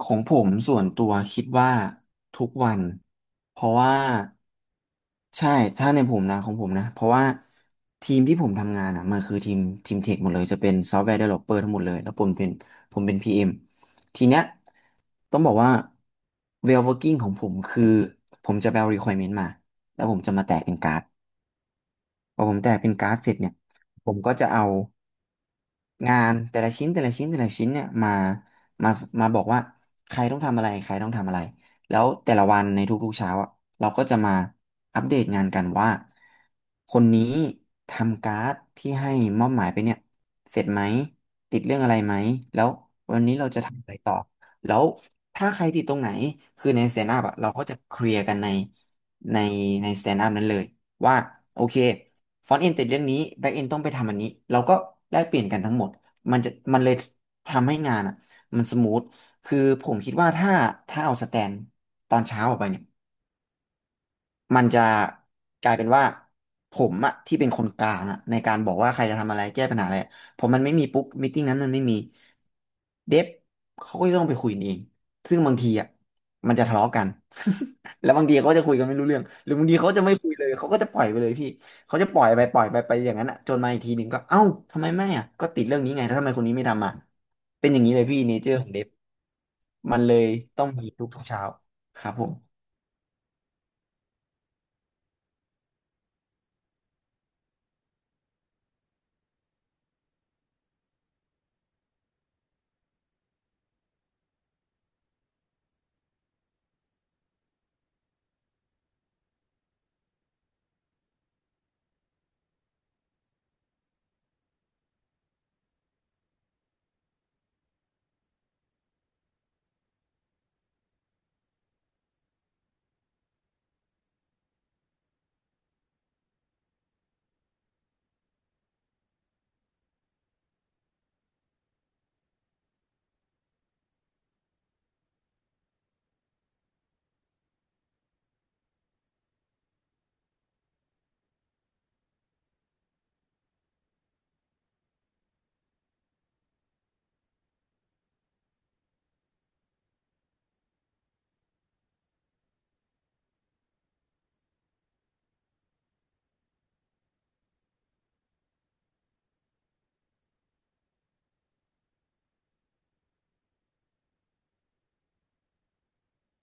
ของผมส่วนตัวคิดว่าทุกวันเพราะว่าใช่ถ้าในผมนะของผมนะเพราะว่าทีมที่ผมทำงานอ่ะมันคือทีมเทคหมดเลยจะเป็นซอฟต์แวร์ d ด v e l o p อ r ทั้งหมดเลยแล้วผมเป็น PM ทีเนี้ยต้องบอกว่า w e l working ของผมคือผมจะไปเอา requirement มาแล้วผมจะมาแตกเป็นการ์ดพอผมแตกเป็นการ์ดเสร็จเนี่ยผมก็จะเอา งานแต่ละชิ้นแต่ละชิ้นแต่ละชิ้นเนี่ยมามาบอกว่าใครต้องทำอะไรใครต้องทำอะไรแล้วแต่ละวันในทุกๆเช้าอะเราก็จะมาอัปเดตงานกันว่าคนนี้ทำการ์ดที่ให้มอบหมายไปเนี่ยเสร็จไหมติดเรื่องอะไรไหมแล้ววันนี้เราจะทำอะไรต่อแล้วถ้าใครติดตรงไหนคือในสแตนด์อัพอะเราก็จะเคลียร์กันในในสแตนด์อัพนั้นเลย ว่าโอเคฟอนต์เอนติดเรื่องนี้แบ็กเอนต้องไปทำอันนี้เราก็แลกเปลี่ยนกันทั้งหมดมันจะมันเลยทำให้งานอ่ะมันสมูทคือผมคิดว่าถ้าเอาสแตนตอนเช้าออกไปเนี่ย มันจะกลายเป็นว่าผมอะที่เป็นคนกลางอะในการบอกว่าใครจะทำอะไรแก้ปัญหาอะไรพอมันไม่มีปุ๊บมีตติ้งนั้นมันไม่มีเดฟเขาก็จะต้องไปคุยกันเองซึ่งบางทีอะมันจะทะเลาะกัน แล้วบางทีเขาจะคุยกันไม่รู้เรื่องหรือบางทีเขาจะไม่คุยเลยเขาก็จะปล่อยไปเลยพี่เขาจะปล่อยไปอย่างนั้นอะจนมาอีกทีหนึ่งก็เอ้าทำไมไม่อะก็ติดเรื่องนี้ไงแล้วทำไมคนนี้ไม่ทำอ่ะเป็นอย่างนี้เลยพี่เนเจอร์ของเดฟมันเลยต้องมีทุกเช้าครับผม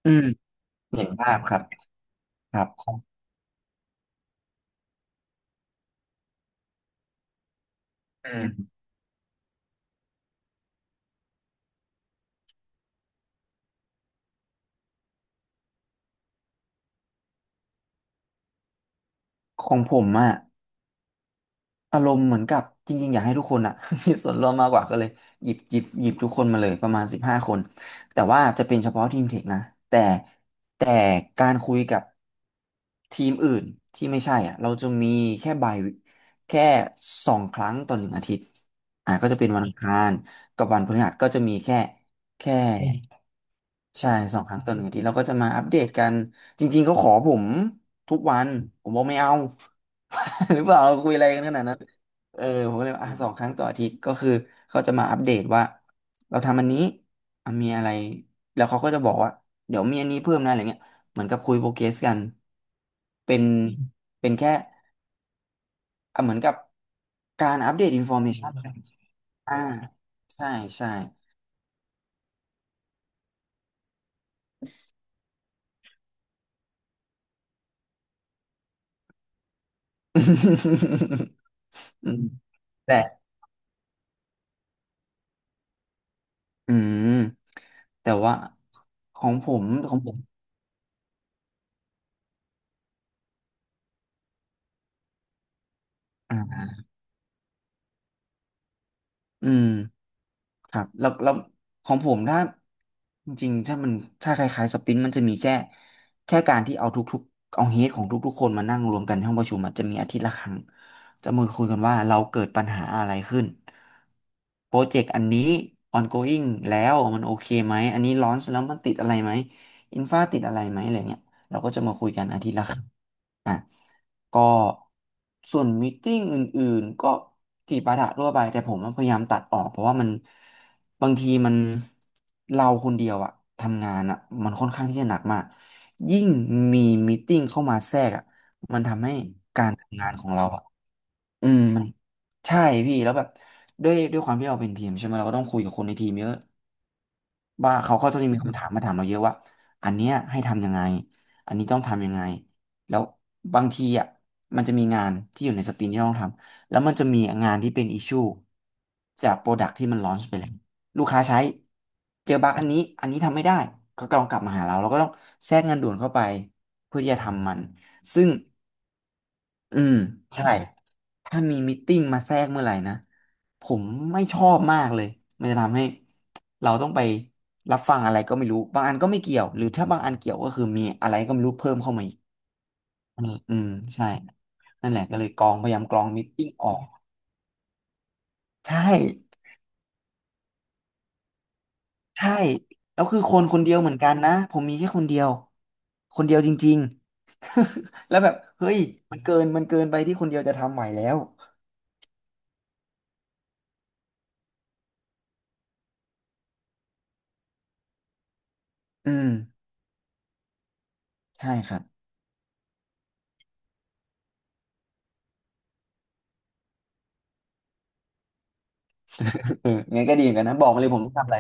อืมเห็นภาพครับ ครับของอืมของผมอะอารมณ์เหมือนกับจริงๆอยากให้ทุกคนอะ มีส่วนร่วมมากกว่าก็เลยหยิบทุกคนมาเลยประมาณ15 คนแต่ว่าจะเป็นเฉพาะทีมเทคนะแต่แต่การคุยกับทีมอื่นที่ไม่ใช่อ่ะเราจะมีแค่ใบายแค่สองครั้งต่อหนึ่งอาทิตย์อ่ะก็จะเป็นวันอังคารกับวันพฤหัสก็จะมีแค่ ใช่สองครั้งต่อหนึ่งอาทีเราก็จะมาอัปเดตกันจริงๆเขาขอผมทุกวันผมบอกไม่เอา หรือเปล่าเราคุยอะไรกันขนาดนั้นเออผมก็เลยว่าอ่ะสองครั้งต่ออาทิตย์ก็คือเขาจะมาอัปเดตว่าเราทำอันนี้อ่ะมีอะไรแล้วเขาก็จะบอกว่าเดี๋ยวมีอันนี้เพิ่มนะอะไรเงี้ยเหมือนกับคุยโปรเกรสกันเป็นเป็นแค่อ่ะเหมือนกับการอัปเดตอินฟอร์เมชันอ่าใช่ใช่ อืมแต่ อืมแต่ว่าของผมอ่าอืมครับแล้วของผมถ้าจริงๆถ้ามันถ้าคล้ายๆสปรินต์มันจะมีแค่การที่เอาทุกๆเอาเฮดของทุกๆคนมานั่งรวมกันที่ห้องประชุมอะจะมีอาทิตย์ละครั้งจะมาคุยกันว่าเราเกิดปัญหาอะไรขึ้นโปรเจกต์อันนี้ ongoing แล้วมันโอเคไหมอันนี้ launch แล้วมันติดอะไรไหมอินฟาติดอะไรไหมอะไรเงี้ยเราก็จะมาคุยกันอาทิตย์ละครั้ง อ่ะก็ส่วนม e e t ิ n งอื่นๆก็จีบปาถะทั่วไปแต่ผมพยายามตัดออกเพราะว่ามันบางทีมันเราคนเดียวอะทำงานอะมันค่อนข้างที่จะหนักมากยิ่งมีม e e t ิ n งเข้ามาแทรกอะมันทำให้การทำงานของเราอะอืมมันใช่พี่แล้วแบบด้วยความที่เราเป็นทีมใช่ไหมเราก็ต้องคุยกับคนในทีมเยอะ ว่าเขาก็จะมีคำถามมาถามเราเยอะว่าอันเนี้ยให้ทำยังไงอันนี้ต้องทำยังไงแล้วบางทีอ่ะมันจะมีงานที่อยู่ในสปรินที่ต้องทำแล้วมันจะมีงานที่เป็นอิชชูจากโปรดักที่มันลอนช์ไปแล้วลูกค้าใช้เจอบั๊กอันนี้อันนี้ทำไม่ได้ก็ต้องกลับมาหาเราเราก็ต้องแทรกงานด่วนเข้าไปเพื่อที่จะทำมันซึ่ง อืมใช่ถ้ามีมตติ팅มาแทรกเมื่อไหร่นะผมไม่ชอบมากเลยมันจะทำให้เราต้องไปรับฟังอะไรก็ไม่รู้บางอันก็ไม่เกี่ยวหรือถ้าบางอันเกี่ยวก็คือมีอะไรก็ไม่รู้เพิ่มเข้ามาอีกอืมอืมใช่นั่นแหละก็เลยกรองพยายามกรองมตติ팅ออกใช่ใช่แล้วคือคนคนเดียวเหมือนกันนะผมมีแค่คนเดียวคนเดียวจริงๆแล้วแบบเฮ้ยมันเกินไปที่คนเดียวจะทำไหวแล้วอืมใช่ครับ เอองั้นก็ดีเหมือนกันนะ บอกมาเลยผมต้องทำอะไร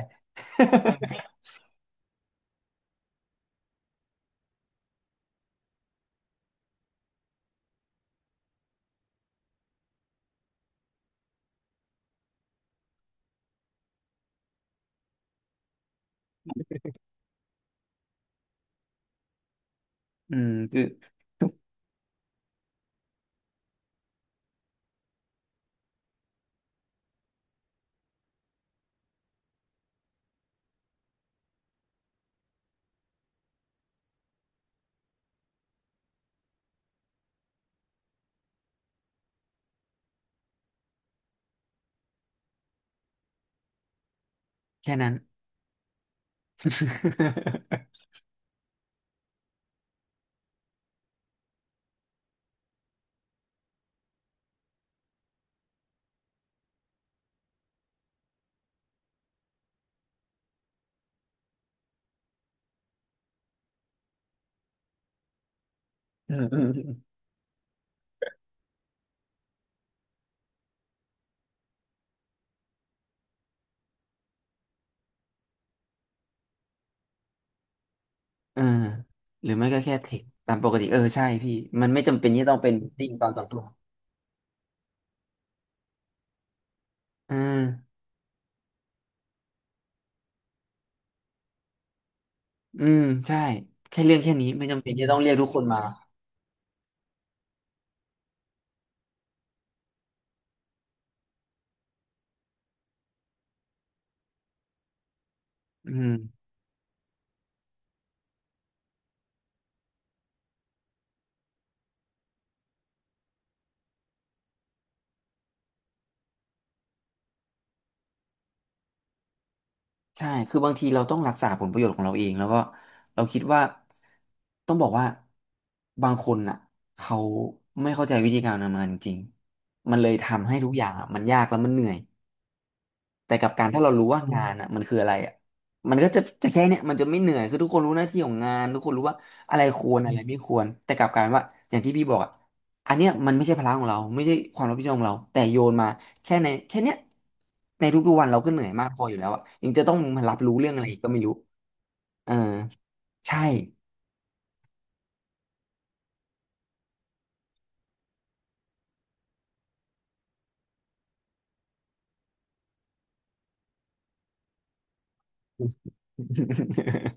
อืมคือ แค่นั้น อืมอืมอืมเออหรือไม่ก็แค่เทคตามปกติ เออ ใช่พี่ มันไม่จำเป็นที่ต้องเป็นติ้งตอนต่อตัวอืมอืมใช่ แค่เรื่องแค่นี้ไม่จำเป็นที่ต้องเรียกทุกคนมาอืม ใช่คือบางทีเราต้องรักษาผลประโยชน์ของเราเอง แล้วก็เราคิดว่าต้องบอกว่าบางคนน่ะเขาไม่เข้าใจวิธีการทำงานจริงๆมันเลยทำให้ทุกอย่างอะมันยากแล้วมันเหนื่อย แต่กับการถ้าเรารู้ว่างานอ่ะมันคืออะไรอ่ะมันก็จะแค่เนี้ยมันจะไม่เหนื่อยคือทุกคนรู้หน้าที่ของงานทุกคนรู้ว่าอะไรควรอะไรไม่ควรแต่กลับกลารว่าอย่างที่พี่บอกอ่ะอันเนี้ยมันไม่ใช่ภาระของเราไม่ใช่ความรับผิดชอบของเราแต่โยนมาแค่ในแค่เนี้ยในทุกๆวันเราก็เหนื่อยมากพออยู่แล้วอ่ะยังจะต้องมารับรู้เรื่องอะไรอีกก็ไม่รู้เออใช่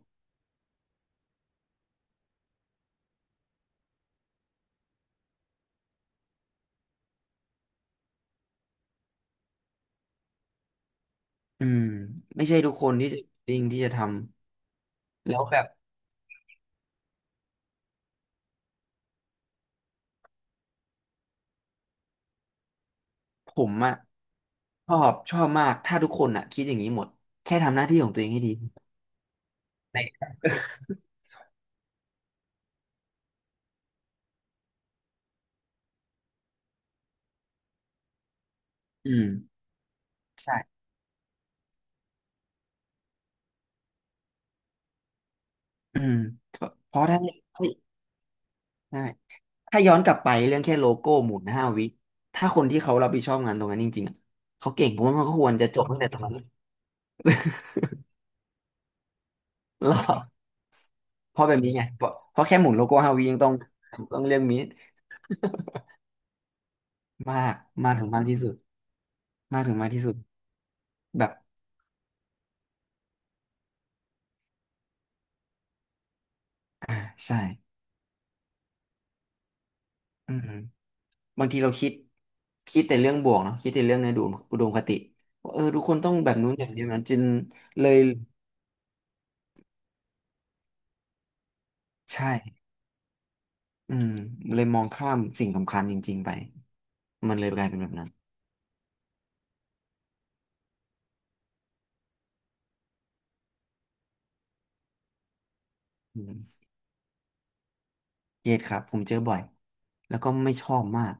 อืมไม่ใช่ทุกคนที่จะจริงที่จะทำแล้วแบบ ผมอะชอบมากถ้าทุกคนอะคิดอย่างนี้หมดแค่ทำหน้าที่ของตัวเองให้ดีอืมใช่อืมเพราะถ้าเฮ้ยได้ถ้าย้อนกลับไปเรื่องแค่โลโก้หมุนห้าวิถ้าคนที่เขารับผิดชอบงานตรงนั้นจริงๆอะเขาเก่งผมว่ามันก็ควรจะจบตั้งแต่ตรงนั้น แล้วเพราะแบบนี้ไงเพราะเพราะแค่หมุนโลโก้ห้าวิยังต้องเรื่องมีดมากมากถึงมากที่สุดมากถึงมากที่สุดแบบอ่าใช่อืม บางทีเราคิดคิดแต่เรื่องบวกเนาะคิดแต่เรื่องในอุดมคติว่าเออทุกคนต้องแบบนู้นแบบนี้นะจึงเลยใช่อืมเลยมองข้ามสิ่งสำคัญจริงๆไปมันเลยกลายเป็นแบบนั้นอืมเครียดครับผมเจอบ่อยแล้วก็ไม่ชอบมาก